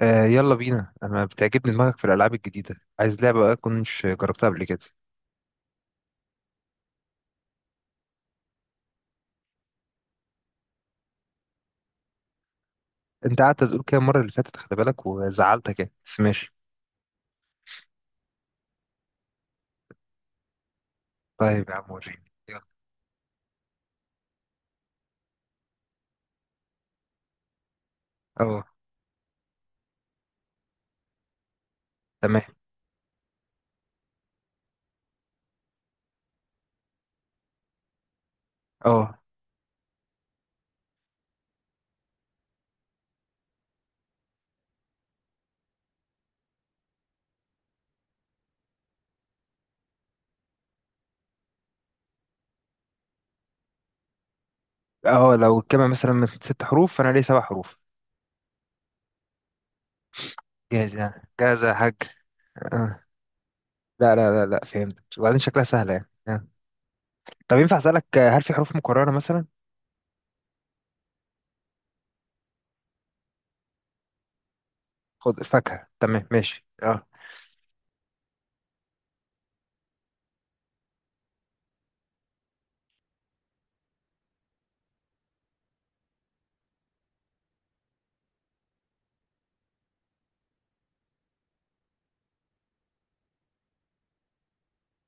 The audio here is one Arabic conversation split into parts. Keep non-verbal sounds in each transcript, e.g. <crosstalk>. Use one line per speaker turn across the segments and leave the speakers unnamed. آه، يلا بينا. انا بتعجبني دماغك في الالعاب الجديده. عايز لعبه بقى كنتش جربتها قبل كده؟ انت قعدت تقول كده المره اللي فاتت، خلي بالك وزعلتك يعني، بس ماشي. طيب يا عم وريني يلا. اه. تمام. اه. اه لو الكلمه مثلا من ست حروف فانا ليه سبع حروف. جاهز يعني، جاهز يا حاج. آه. لا لا لا لا، فهمت. وبعدين شكلها سهله يعني. آه. طب ينفع اسالك، هل في حروف مكرره مثلا؟ خد فاكهه. تمام ماشي. اه.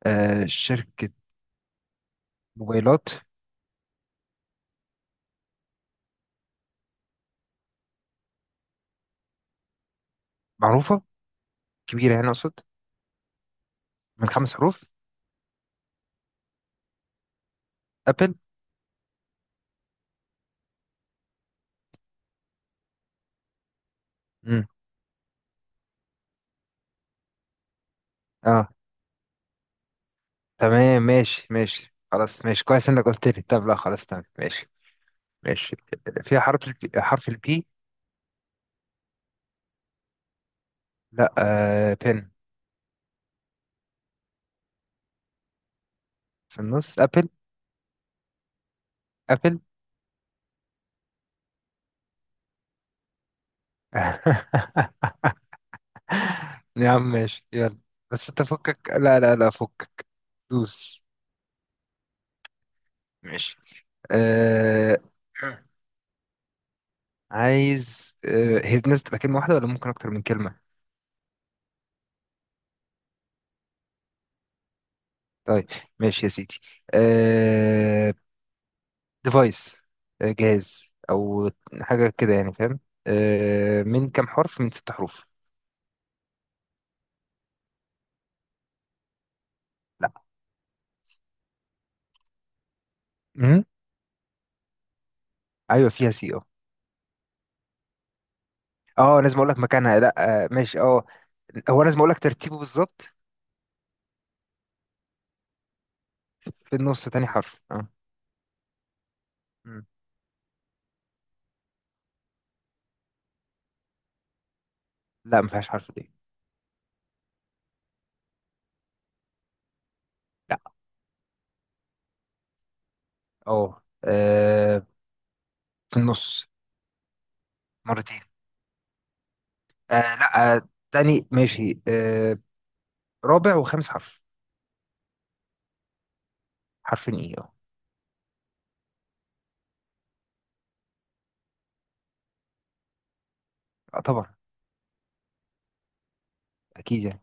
آه، شركه موبايلات معروفه كبيره يعني اقصد. من خمس حروف. ابل. اه تمام، ماشي ماشي خلاص، ماشي كويس انك قلت لي. طب لا خلاص، تمام ماشي. ماشي. في حرف البي، حرف البي. لا، بن. في النص. ابل، ابل. <laughs> يا عم ماشي يلا. بس انت فكك، لا لا لا، فكك. دوس. ماشي. آه عايز، هي الناس تبقى كلمة واحدة ولا ممكن أكتر من كلمة؟ طيب. ماشي يا سيدي. آه، ديفايس. جهاز او حاجه كده يعني، فاهم. آه، من كام حرف؟ من ست حروف. لا. امم ايوه، فيها سي، اه. اه لازم اقول لك مكانها؟ لا ماشي، اه. هو لازم اقول لك ترتيبه بالظبط؟ في النص، تاني حرف، اه. مم. لا، ما فيهاش حرف دي. لا. اه في النص. مرتين. آه لا، آه تاني، ماشي. آه، رابع وخامس حرف. حرفين ايه، اه. آه، طبعا. اكيد يعني.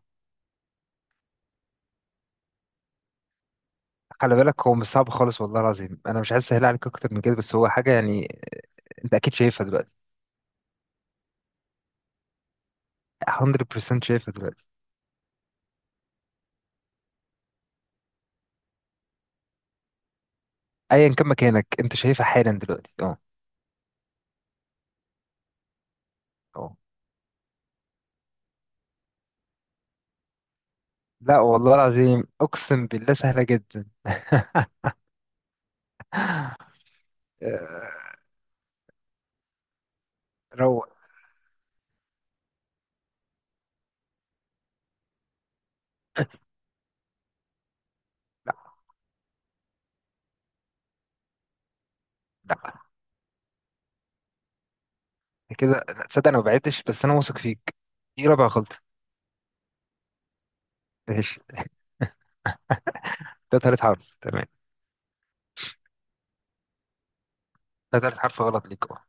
خلي بالك، هو مش صعب خالص والله العظيم، انا مش عايز اسهل عليك اكتر من كده، بس هو حاجه يعني انت اكيد شايفها دلوقتي. 100% شايفها دلوقتي. ايا كان مكانك انت شايفها حالا دلوقتي، اه اه. لا والله العظيم اقسم بالله، سهله جدا. <laughs> آه، روق. لا لا كده، لا، تصدق انا ما بعدتش، بس انا واثق فيك. دي رابع غلطه. ماشي. ده تالت حرف تمام. ده تالت حرف غلط ليك، اه.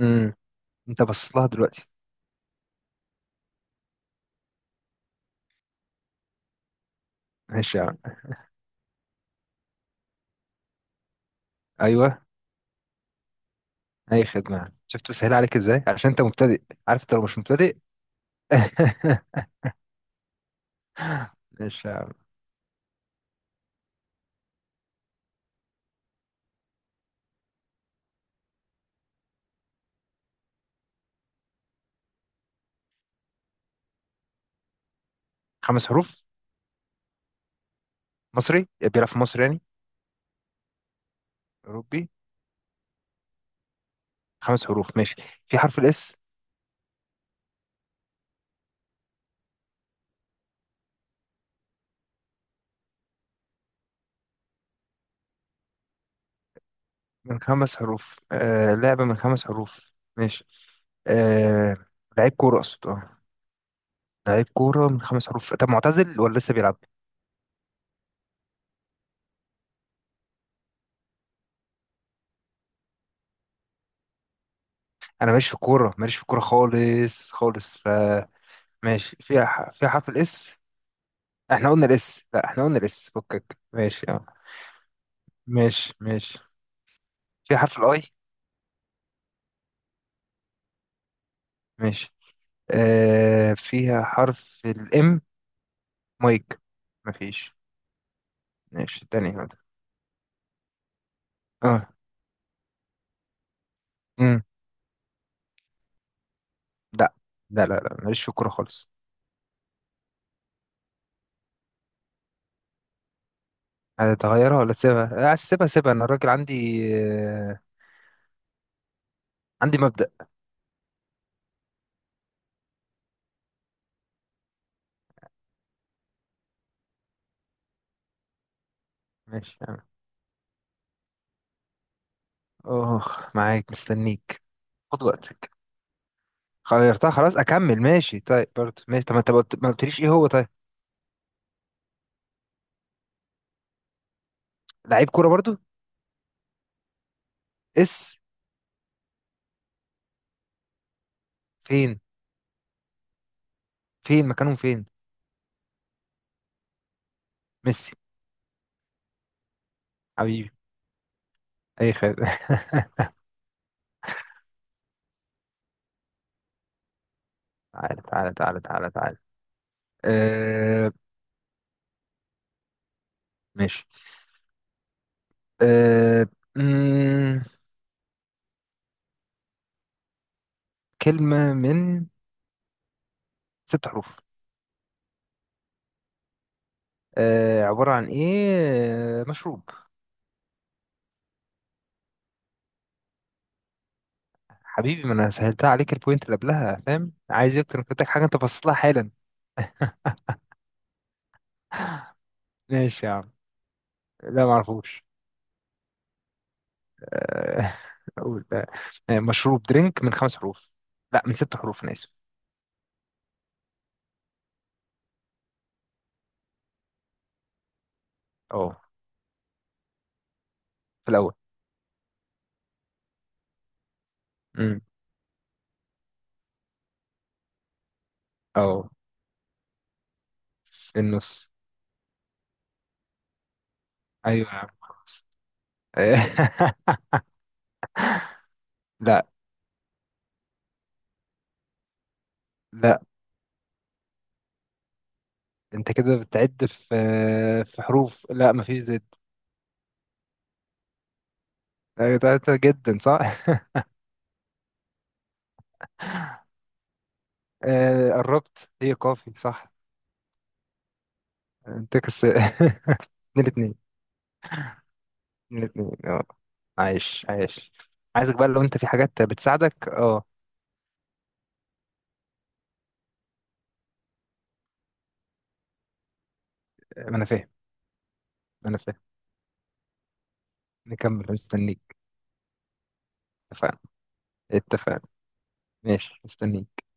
امم انت باصص لها دلوقتي. ماشي يا عم. ايوه. اي خدمه، شفت بسهل عليك ازاي عشان انت مبتدئ. عارف انت لو مش مبتدئ. <laughs> ماشي يا عم. خمس حروف. مصري بيلعب في مصر يعني؟ اوروبي. خمس حروف ماشي. في حرف الاس؟ من خمس حروف، آه لعبة من خمس حروف ماشي. آه لعيب كورة أقصد، اه. لعيب كورة من خمس حروف، طب معتزل ولا لسه بيلعب؟ أنا ماليش في الكورة، ماليش في الكورة خالص خالص، فماشي. فيها فيها حرف الاس. احنا قلنا الاس. لا احنا قلنا الاس، فكك ماشي، اه. ماشي ماشي. فيها حرف الاي؟ ماشي. آه فيها حرف الام؟ مايك. مفيش. ماشي. تاني واحدة. اه. لا لا لا لا، ماليش في الكورة خالص. هتغيرها ولا تسيبها؟ عايز تسيبها سيبها، أنا الراجل عندي عندي مبدأ. ماشي أنا. أوه، معاك مستنيك، خد وقتك. غيرتها خلاص، أكمل ماشي. طيب برضه ماشي. طب ما أنت ما قلتليش إيه هو؟ طيب. لعيب كورة برضه. اس؟ فين؟ فين مكانهم فين؟ ميسي. حبيبي. أي خير. <laughs> تعالى تعالى تعالى تعالى تعالى. أه. ماشي. أه. مم، كلمة من ست حروف. آه عبارة عن ايه. آه، مشروب. حبيبي ما انا سهلتها عليك البوينت اللي قبلها، فاهم عايز إيه اكتر؟ كنت حاجة انت باصص لها حالا. ماشي يا عم. لا ما اعرفوش. آه، <laughs> اقول مشروب. درينك من خمس حروف. لا من ست حروف، انا اسف. اه في الاول. امم اه في النص. ايوه يا عم خلاص. <laughs> آه، لا لا. انت كده بتعد في في حروف. لا مفيش زد. آه، ده جدا صح. <laughs> آه، قربت. هي كافي، صح. انت كسر. <laughs> من الاثنين. من الاثنين، اه. عايش عايش. عايزك بقى لو انت في حاجات بتساعدك، اه. ما انا فاهم. ما انا فاهم. نكمل، مستنيك. اتفقنا. اتفقنا ماشي، مستنيك.